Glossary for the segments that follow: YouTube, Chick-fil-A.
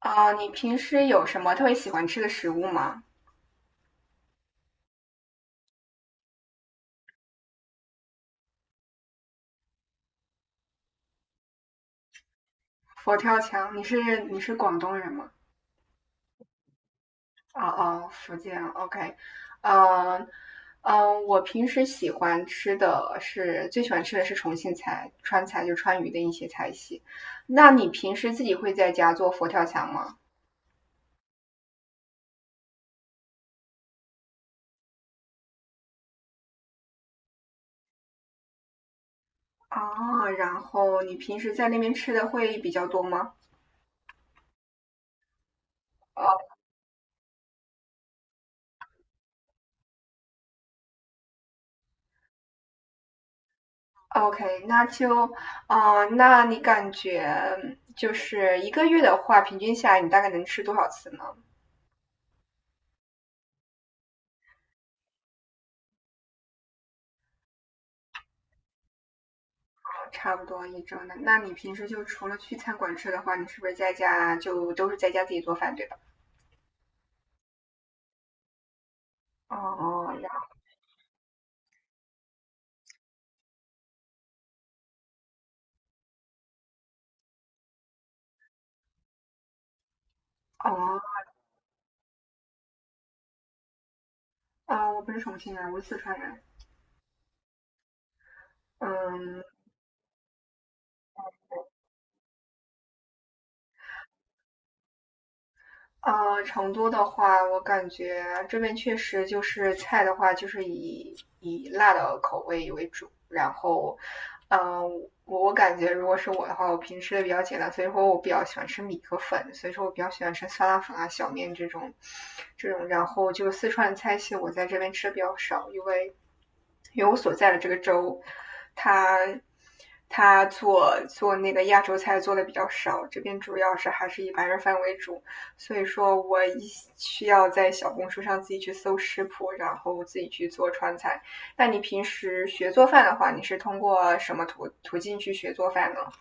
啊，你平时有什么特别喜欢吃的食物吗？佛跳墙，你是广东人吗？哦哦，福建，OK。嗯嗯，我平时喜欢吃的是重庆菜、川菜，就川渝的一些菜系。那你平时自己会在家做佛跳墙吗？啊，然后你平时在那边吃的会比较多吗？OK，那就，啊、那你感觉就是一个月的话，平均下来你大概能吃多少次呢？差不多一周呢。那你平时就除了去餐馆吃的话，你是不是在家就都是在家自己做饭，对吧？哦哦，然后哦啊，我不是重庆人，我是四川人。嗯。呃，成都的话，我感觉这边确实就是菜的话，就是以辣的口味为主。然后，嗯、我感觉如果是我的话，我平时的比较简单，所以说我比较喜欢吃米和粉，所以说我比较喜欢吃酸辣粉啊、小面这种。然后就四川菜系，我在这边吃的比较少，因为我所在的这个州，它它做那个亚洲菜做的比较少，这边主要是还是以白人饭为主。所以说我一需要在小红书上自己去搜食谱，然后自己去做川菜。那你平时学做饭的话，你是通过什么途径去学做饭呢？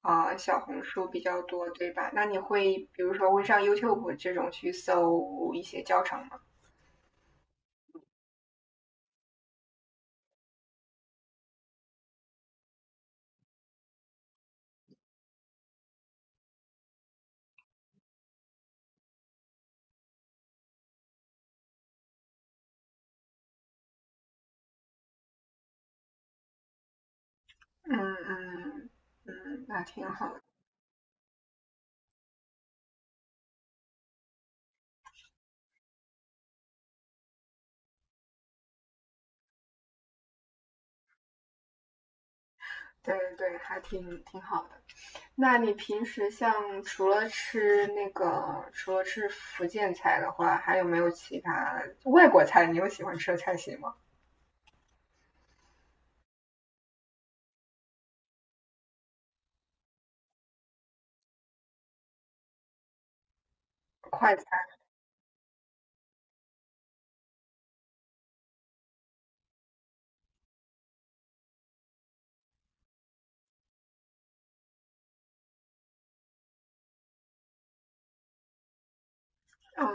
啊、小红书比较多，对吧？那你会比如说会上 YouTube 这种去搜一些教程吗？嗯嗯。嗯，那挺好的。对对，还挺好的。那你平时像除了吃那个，除了吃福建菜的话，还有没有其他外国菜？你有喜欢吃的菜系吗？快餐？嗯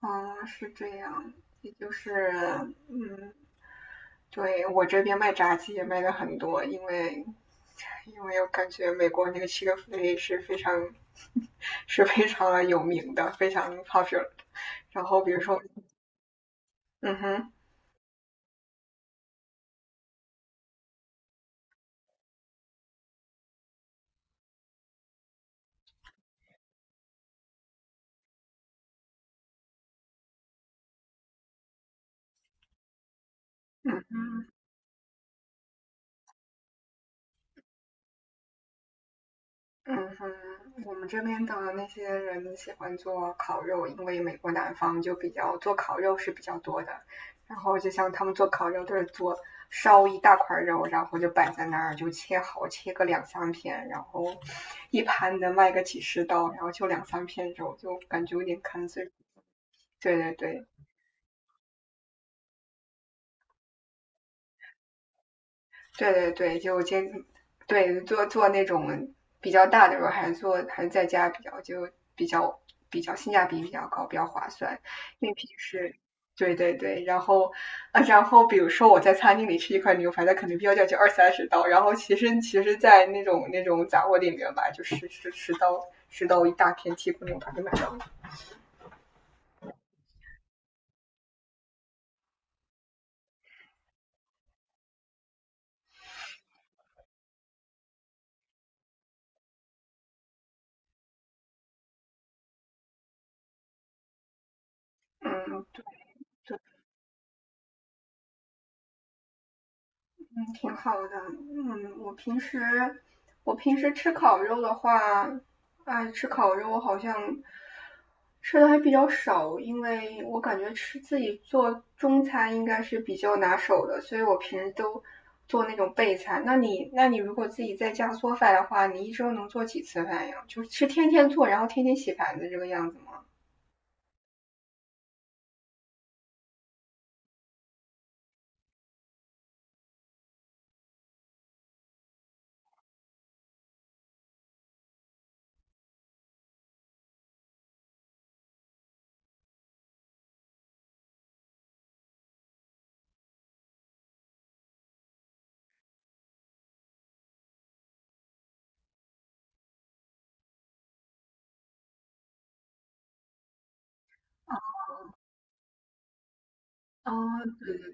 嗯，是这样，也就是嗯，对我这边卖炸鸡也卖的很多，因为我感觉美国那个 Chick-fil-A 是非常 是非常有名的，非常 popular。然后比如说，嗯哼。嗯哼。嗯哼，我们这边的那些人喜欢做烤肉，因为美国南方就比较做烤肉是比较多的。然后就像他们做烤肉都是做烧一大块肉，然后就摆在那儿，就切好，切个两三片，然后一盘能卖个几十刀，然后就两三片肉，就感觉有点坑。所以，对对对。对对对，就接对做那种比较大的时候，还是做还是在家比较就比较比较性价比比较高，比较划算，因为平时。对对对，然后，啊，然后比如说我在餐厅里吃一块牛排，它可能标价就二三十刀，然后其实，在那种杂货店里面吧，就十刀一大片剔骨牛排就买到了。嗯。嗯，挺好的。嗯，我平时吃烤肉的话，爱吃烤肉，我好像吃的还比较少，因为我感觉吃自己做中餐应该是比较拿手的，所以我平时都做那种备餐。那你如果自己在家做饭的话，你一周能做几次饭呀？就是是天天做，然后天天洗盘子这个样子吗？啊对对。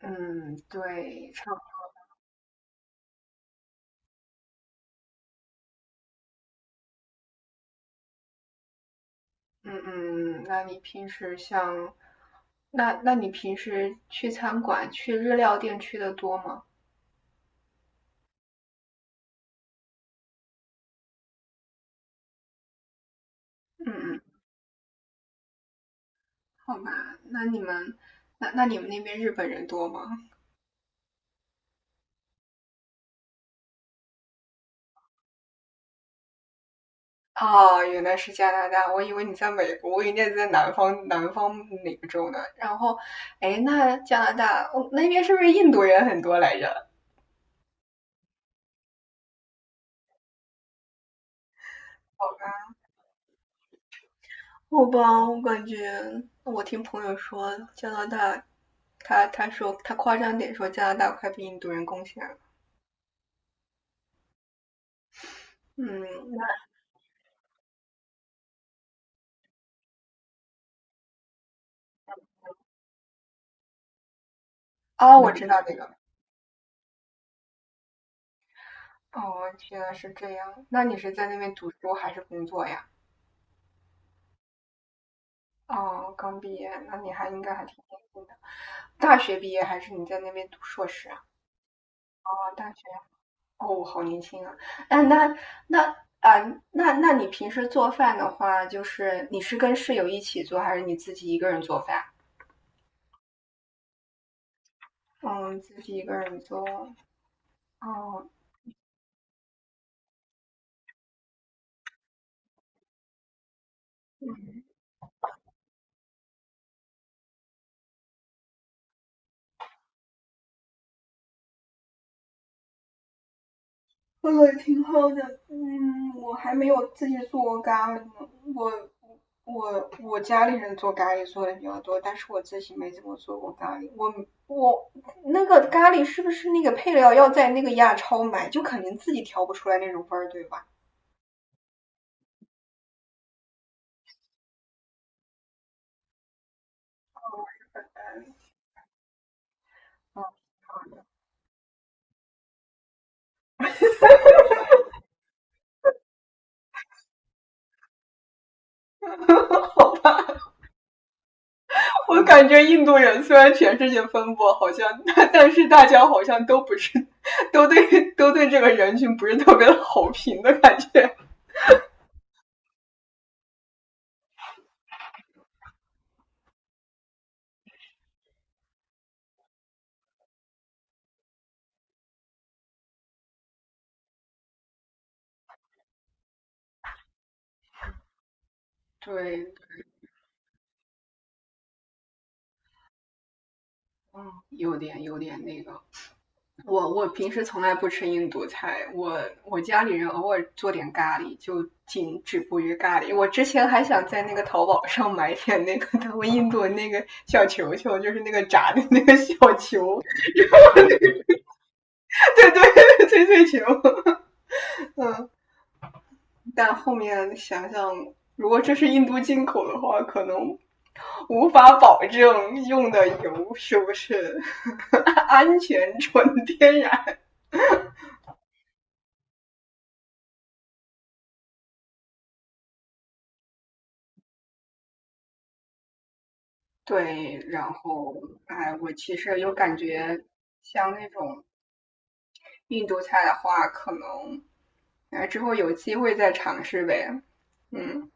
嗯，对。嗯嗯，那你平时像，那你平时去餐馆、去日料店去的多吗？嗯嗯。好吧，那你们，那你们那边日本人多吗？哦，原来是加拿大，我以为你在美国，我以为你在南方，南方哪个州呢？然后，哎，那加拿大，哦，那边是不是印度人很多来着？好吧，我感觉我听朋友说加拿大，他说他夸张点说加拿大快被印度人攻下了。嗯，那哦，我嗯知道这个哦，原来是这样。那你是在那边读书还是工作呀？哦，刚毕业，那你还应该还挺年轻的。大学毕业还是你在那边读硕士啊？哦，大学，哦，好年轻啊。那那那啊，那你平时做饭的话，就是你是跟室友一起做，还是你自己一个人做饭？嗯，自己一个人做。哦，喝了挺好的，嗯，我还没有自己做咖喱呢。我我家里人做咖喱做的比较多，但是我自己没怎么做过咖喱。我那个咖喱是不是那个配料要在那个亚超买，就肯定自己调不出来那种味儿，对吧？嗯，我感觉印度人虽然全世界分布好像，但是大家好像都不是，都对这个人群不是特别的好评的感觉。对。嗯，有点那个，我平时从来不吃印度菜，我家里人偶尔做点咖喱，就仅止步于咖喱。我之前还想在那个淘宝上买点那个他们印度那个小球球，就是那个炸的那个小球，对对，脆脆球。但后面想想，如果这是印度进口的话，可能无法保证用的油是不是 安全纯天然。对，然后，哎，我其实有感觉，像那种印度菜的话，可能，哎，之后有机会再尝试呗。嗯。